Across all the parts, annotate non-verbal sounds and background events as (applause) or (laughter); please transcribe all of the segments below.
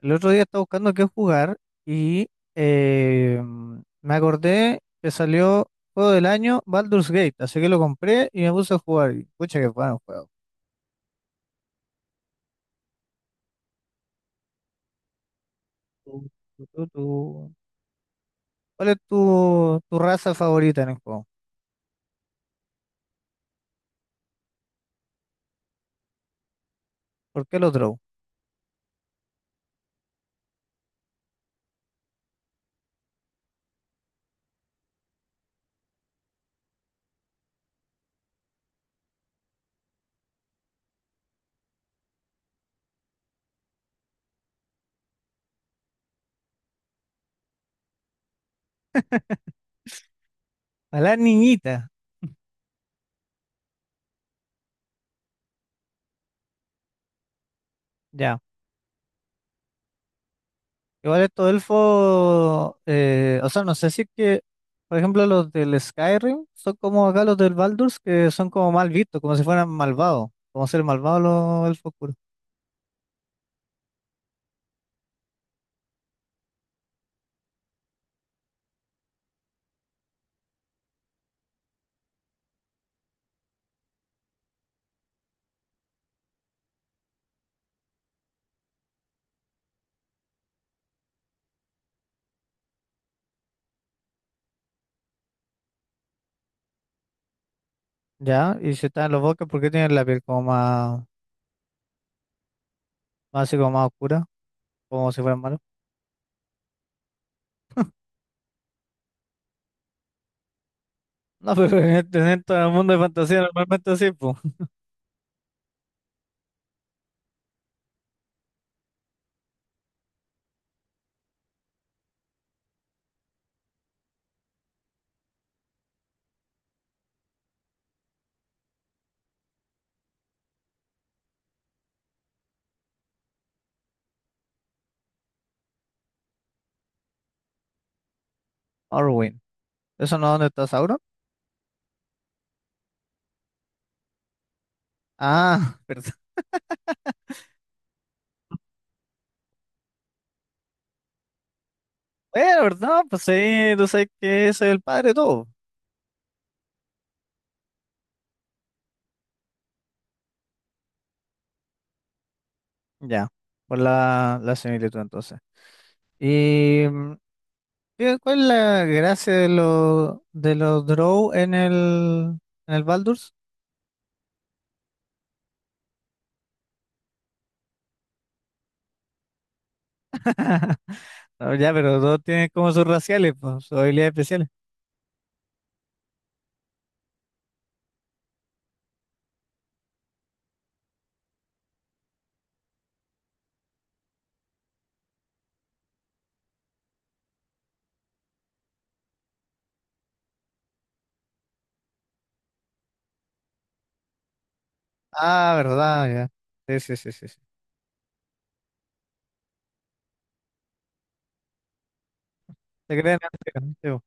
El otro día estaba buscando qué jugar y eh, me acordé que salió juego del año Baldur's Gate, así que lo compré y me puse a jugar. Y, pucha, qué bueno juego. Tu, tu, tu, tu. ¿Cuál es tu raza favorita en el juego? ¿Por qué lo trobo? A la niñita, ya. Igual estos elfos, o sea, no sé si es que, por ejemplo, los del Skyrim son como acá los del Baldur's, que son como mal vistos, como si fueran malvados, como ser malvados los elfos oscuros. Ya, y si están en los bosques, ¿por qué tienen la piel como más, más así como más oscura? Como si fueran malos. (laughs) No, pero en todo el mundo de fantasía normalmente así, pues. Orwin. ¿Eso no es donde está Sauron? Ah, (laughs) perdón. Bueno, perdón, pues sí, tú sabes que soy el padre de todo. Ya, por la similitud entonces. Y ¿cuál es la gracia de los Drow en el Baldur's? No, ya, pero todos tienen como sus raciales, pues, sus habilidades especiales. Ah, verdad, ya. Sí, sí, sí, sí, sí. Te crean la sí,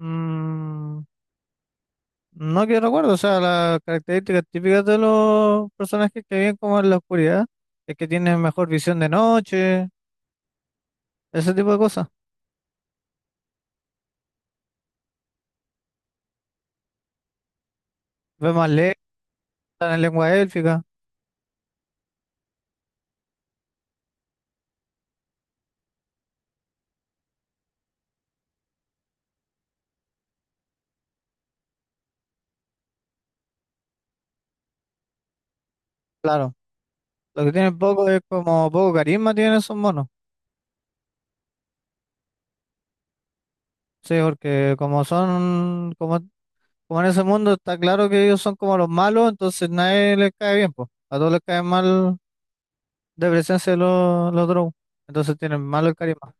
Mm, no que recuerdo, o sea, las características típicas de los personajes que viven como en la oscuridad es que tienen mejor visión de noche, ese tipo de cosas. Ven más lejos, en lengua élfica, claro. Lo que tienen poco es como poco carisma tienen esos monos. Sí, porque como son, como en ese mundo está claro que ellos son como los malos, entonces nadie les cae bien, pues. A todos les cae mal de presencia los drow. Entonces tienen malo el carisma.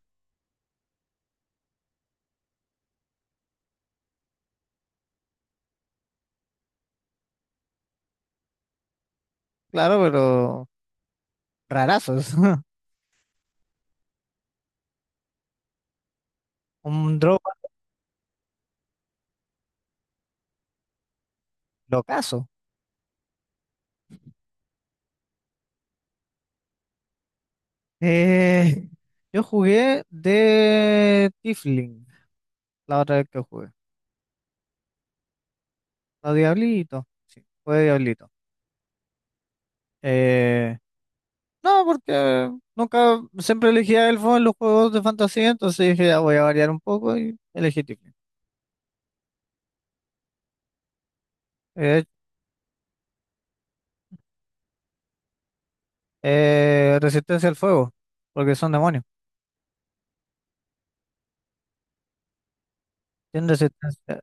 Claro, pero rarazos. (laughs) Un drow locazo. Eh, yo jugué de Tifling la otra vez que jugué. La Diablito. Sí, fue Diablito. Eh, no, porque nunca, siempre elegía elfo en los juegos de fantasía, entonces dije, ya voy a variar un poco y elegí Tifling. Eh, resistencia al fuego, porque son demonios. Tienen resistencia.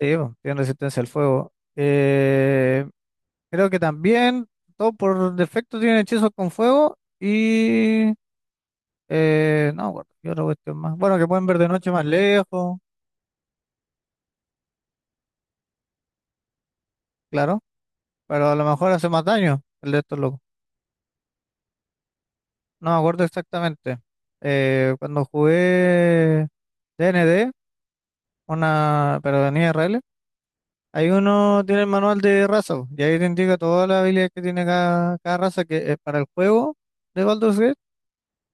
Sí, bo, tiene resistencia al fuego. Creo que también, todo por defecto, tienen hechizos con fuego. Y. No, me acuerdo, ¿qué otra cuestión más? Bueno, que pueden ver de noche más lejos, claro. Pero a lo mejor hace más daño el de estos locos. No me acuerdo exactamente. Cuando jugué DND, una. Pero en IRL, hay uno tiene el manual de raza, bo, y ahí te indica todas las habilidades que tiene cada raza que es para el juego de Baldur's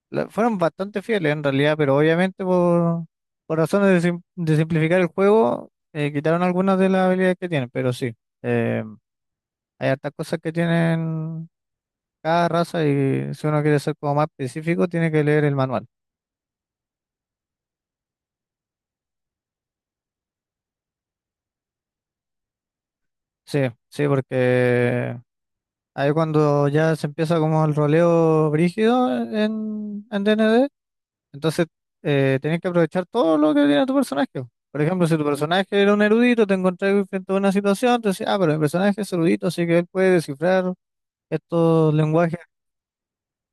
fueron bastante fieles en realidad, pero obviamente por razones de simplificar el juego, quitaron algunas de las habilidades que tienen, pero sí, eh, hay hartas cosas que tienen cada raza y si uno quiere ser como más específico, tiene que leer el manual. Sí, sí, porque ahí cuando ya se empieza como el roleo brígido en, DND, entonces, tenés que aprovechar todo lo que tiene tu personaje. Por ejemplo, si tu personaje era un erudito, te encontrás frente a una situación, te decís, ah, pero el personaje es erudito, así que él puede descifrar estos lenguajes.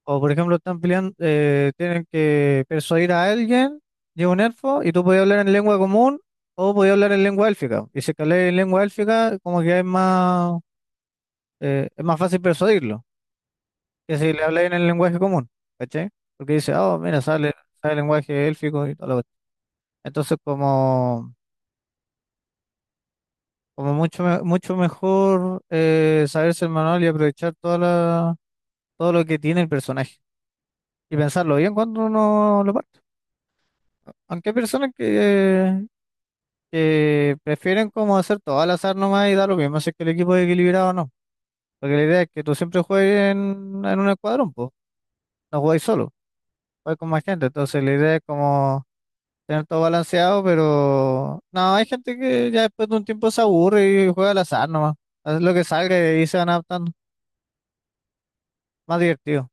O, por ejemplo, están peleando, tienen que persuadir a alguien, llega un elfo, y tú podías hablar en lengua común o podías hablar en lengua élfica. Y si es que hablas en lengua élfica, como que es más fácil persuadirlo que si le hablas en el lenguaje común, ¿cachai? Porque dice, ah, oh, mira, sale el lenguaje élfico y todo. Entonces, como, mucho, mucho mejor saberse el manual y aprovechar todo lo que tiene el personaje y pensarlo bien cuando uno lo parte. Aunque hay personas que prefieren como hacer todo al azar nomás y da lo mismo si es que el equipo es equilibrado o no. Porque la idea es que tú siempre juegues en, un escuadrón, pues, no juegues solo, juegas con más gente. Entonces, la idea es como tener todo balanceado, pero no, hay gente que ya después de un tiempo se aburre y juega al azar nomás. Hace lo que salga y ahí se van adaptando. Más divertido.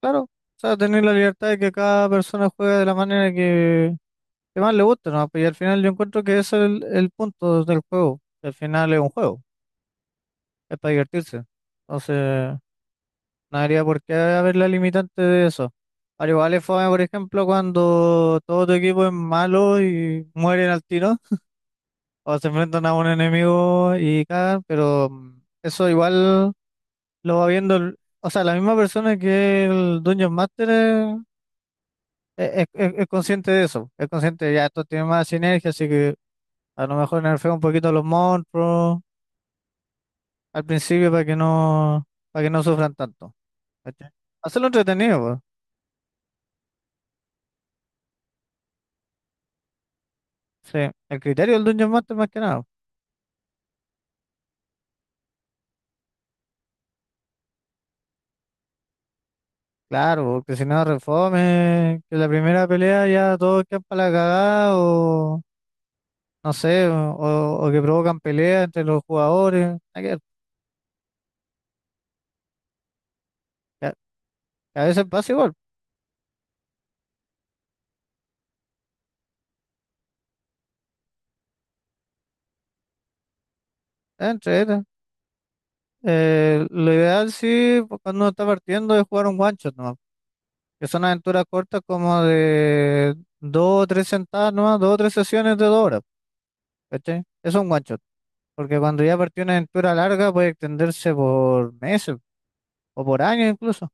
Claro, o sea, tener la libertad de que cada persona juegue de la manera que más le gusta, ¿no? Pues, y al final yo encuentro que ese es el punto del juego. Que al final es un juego, es para divertirse. Entonces, no habría por qué haber la limitante de eso. Al igual es fome, por ejemplo, cuando todo tu equipo es malo y mueren al tiro, o se enfrentan a un enemigo y cagan, pero eso igual lo va viendo, o sea, la misma persona que el Dungeon Master, es consciente de eso, es consciente de, ya esto tiene más sinergia, así que a lo mejor nerfea un poquito a los monstruos al principio para que no, sufran tanto. ¿Cachai? Hacerlo entretenido, pues. Sí, el criterio del Dungeon Master más que nada. Claro, porque si no, refome, que la primera pelea ya todos quedan para la cagada, no sé, o que provocan peleas entre los jugadores, hay que ver, que a que a veces pasa igual, entre ellos. Lo ideal sí, pues, cuando uno está partiendo, es jugar un one shot nomás, que son aventuras cortas como de dos o tres sentadas nomás, dos o tres sesiones de 2 horas, ¿cachai? Eso es un one shot, porque cuando ya partió una aventura larga puede extenderse por meses o por años incluso.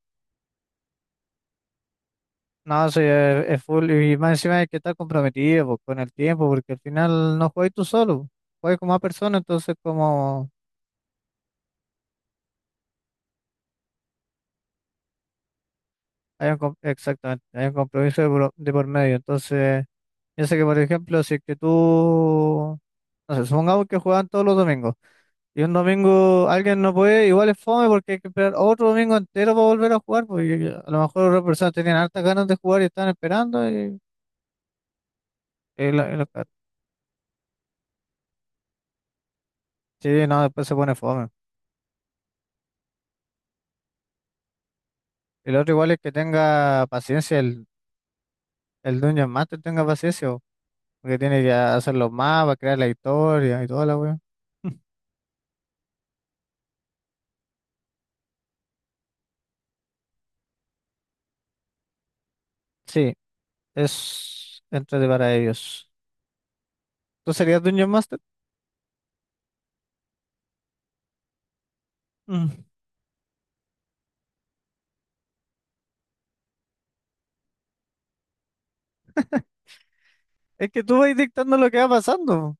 No, sí, es full. Y más encima hay que estar comprometido po, con el tiempo, porque al final no juegas tú solo, juegas con más personas, entonces como hay exactamente, hay un compromiso de por medio. Entonces, yo sé que por ejemplo, si es que tú, no sé, supongamos que juegan todos los domingos y un domingo alguien no puede, igual es fome porque hay que esperar otro domingo entero para volver a jugar, porque a lo mejor otras personas tenían hartas ganas de jugar y están esperando y lo- y lo- sí, no, después se pone fome. El otro igual es que tenga paciencia, el Dungeon Master tenga paciencia, po, porque tiene que hacer los mapas, crear la historia y toda la weá. (laughs) Sí, es entrete para ellos. ¿Tú serías Dungeon Master? Mm. Es que tú vas dictando lo que va pasando, bo.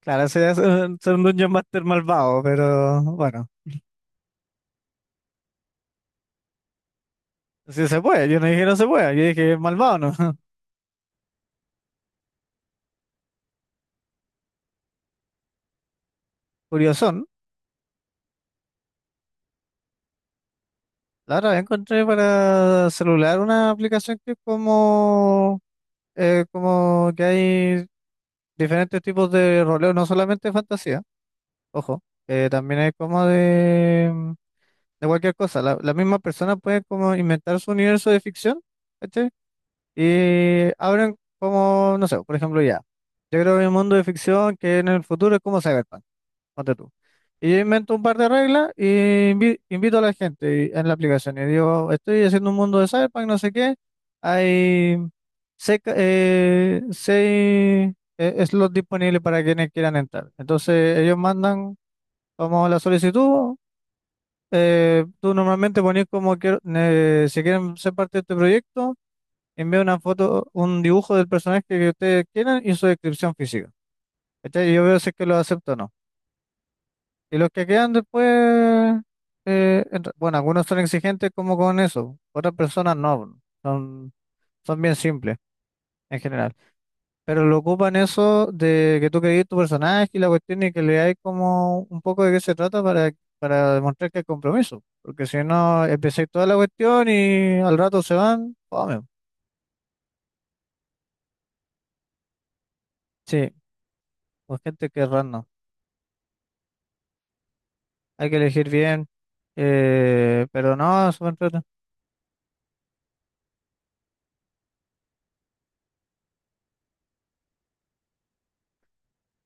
Claro, sería ser un Dungeon Master malvado, pero bueno, si se puede. Yo no dije no se puede, yo dije malvado, ¿no? (laughs) Curiosón. La otra vez encontré para celular una aplicación que es como, como que hay diferentes tipos de roleo, no solamente fantasía, ojo, también hay como de, de cualquier cosa. La misma persona puede como inventar su universo de ficción, ¿cachai? Y abren como, no sé, por ejemplo, ya. Yo creo que hay un mundo de ficción que en el futuro es como Cyberpunk, ponte tú. Y yo invento un par de reglas y invito a la gente en la aplicación. Y digo, estoy haciendo un mundo de Cyberpunk, no sé qué. Hay seis slots disponibles para quienes quieran entrar. Entonces ellos mandan como la solicitud. Tú normalmente pones como que si quieren ser parte de este proyecto, envía una foto, un dibujo del personaje que ustedes quieran y su descripción física. ¿Cachai? Y yo veo si es que lo acepto o no. Y los que quedan después, bueno, algunos son exigentes como con eso, otras personas no, son bien simples en general, pero lo ocupan eso de que tú crees tu personaje y la cuestión y que le hay como un poco de qué se trata para demostrar que hay compromiso, porque si no, empecé toda la cuestión y al rato se van, fome. Sí, pues gente que es random, hay que elegir bien, pero no, súper entrete.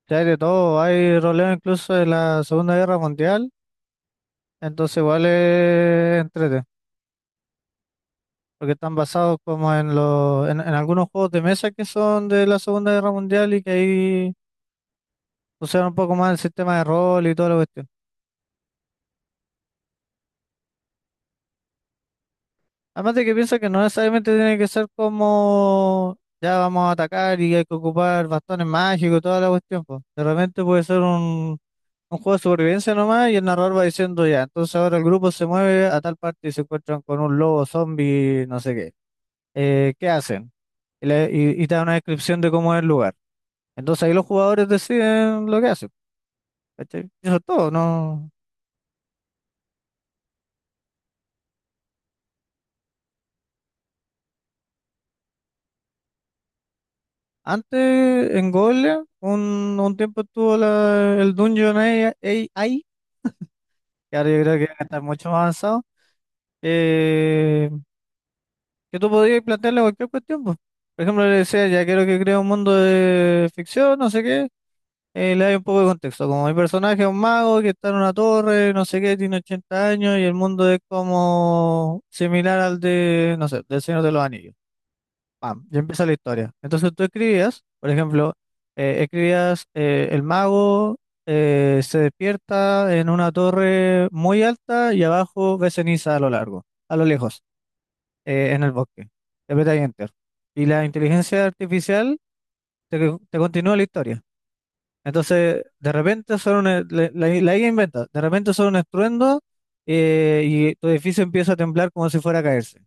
Ya hay de todo, hay roleo incluso de la Segunda Guerra Mundial. Entonces igual es entrete, porque están basados como en los, en algunos juegos de mesa que son de la Segunda Guerra Mundial y que ahí usaron un poco más el sistema de rol y toda la cuestión. Además de que piensa que no necesariamente tiene que ser como ya vamos a atacar y hay que ocupar bastones mágicos y toda la cuestión, pues. De repente puede ser un juego de supervivencia nomás y el narrador va diciendo ya, entonces ahora el grupo se mueve a tal parte y se encuentran con un lobo zombie, no sé qué. ¿Qué hacen? Y te da una descripción de cómo es el lugar. Entonces ahí los jugadores deciden lo que hacen, ¿cachai? Y eso es todo, ¿no? Antes en Golia un tiempo estuvo el Dungeon AI, AI, que ahora yo creo que está mucho más avanzado, eh, que tú podías plantearle cualquier cuestión, pues. Por ejemplo, le decía, ya quiero que crea un mundo de ficción, no sé qué. Le doy un poco de contexto. Como mi personaje es un mago que está en una torre, no sé qué, tiene 80 años y el mundo es como similar al de, no sé, del Señor de los Anillos. Pam, ya empieza la historia. Entonces tú escribías, por ejemplo, escribías el mago se despierta en una torre muy alta y abajo ve ceniza a lo largo, a lo lejos, en el bosque. Le apretas Enter. Y la inteligencia artificial te continúa la historia. Entonces, de repente son la IA inventa, de repente son un estruendo, y tu edificio empieza a temblar como si fuera a caerse.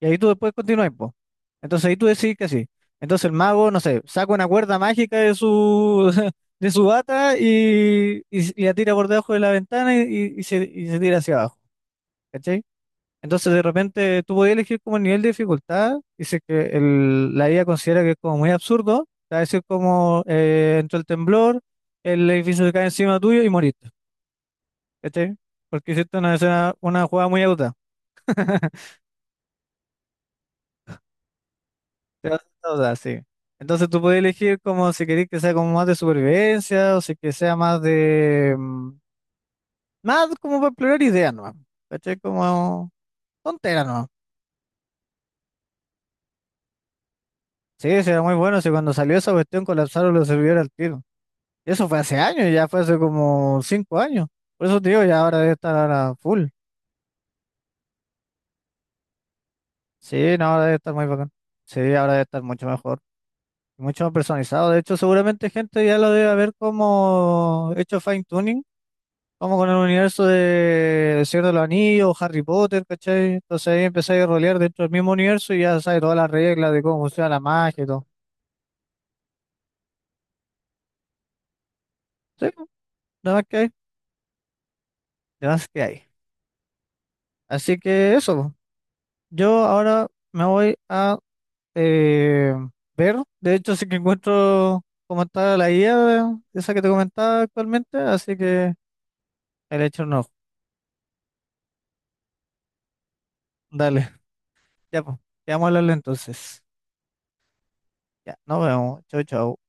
Y ahí tú después continúas, po. Entonces ahí tú decís que sí. Entonces el mago, no sé, saca una cuerda mágica de su, (laughs) de su bata y, y la tira por debajo de la ventana y se tira hacia abajo. Entonces, de repente, tú podías elegir como el nivel de dificultad, y dice que la IA considera que es como muy absurdo. Te va a decir como entró el temblor, el edificio se cae encima tuyo y moriste. ¿Cachai? Porque hiciste una escena, una jugada muy aguda. (laughs) Te vas a usar, sí. Entonces tú puedes elegir como si querés que sea como más de supervivencia o si que sea más de, más como para explorar ideas, ¿no? ¿Cachai? Como tontera, ¿no? Sí, sí, era muy bueno. Si cuando salió esa cuestión colapsaron los servidores al tiro. Eso fue hace años, ya fue hace como 5 años. Por eso te digo, ya ahora debe estar ahora full. Sí, no, ahora debe estar muy bacán. Sí, ahora debe estar mucho mejor, mucho más personalizado. De hecho, seguramente gente ya lo debe haber como hecho fine tuning, como con el universo de El Señor de los Anillos, Harry Potter, ¿cachai? Entonces ahí empezáis a rolear dentro del mismo universo y ya sabes todas las reglas de cómo funciona la magia y todo. Sí, nada más que hay, nada más que hay. Así que eso, po. Yo ahora me voy a eh, ver. De hecho, sí que encuentro cómo está la guía, esa que te comentaba actualmente, así que el hecho no. Dale, ya pues, quedamos a hablarle entonces. Ya, nos vemos. Chau, chau.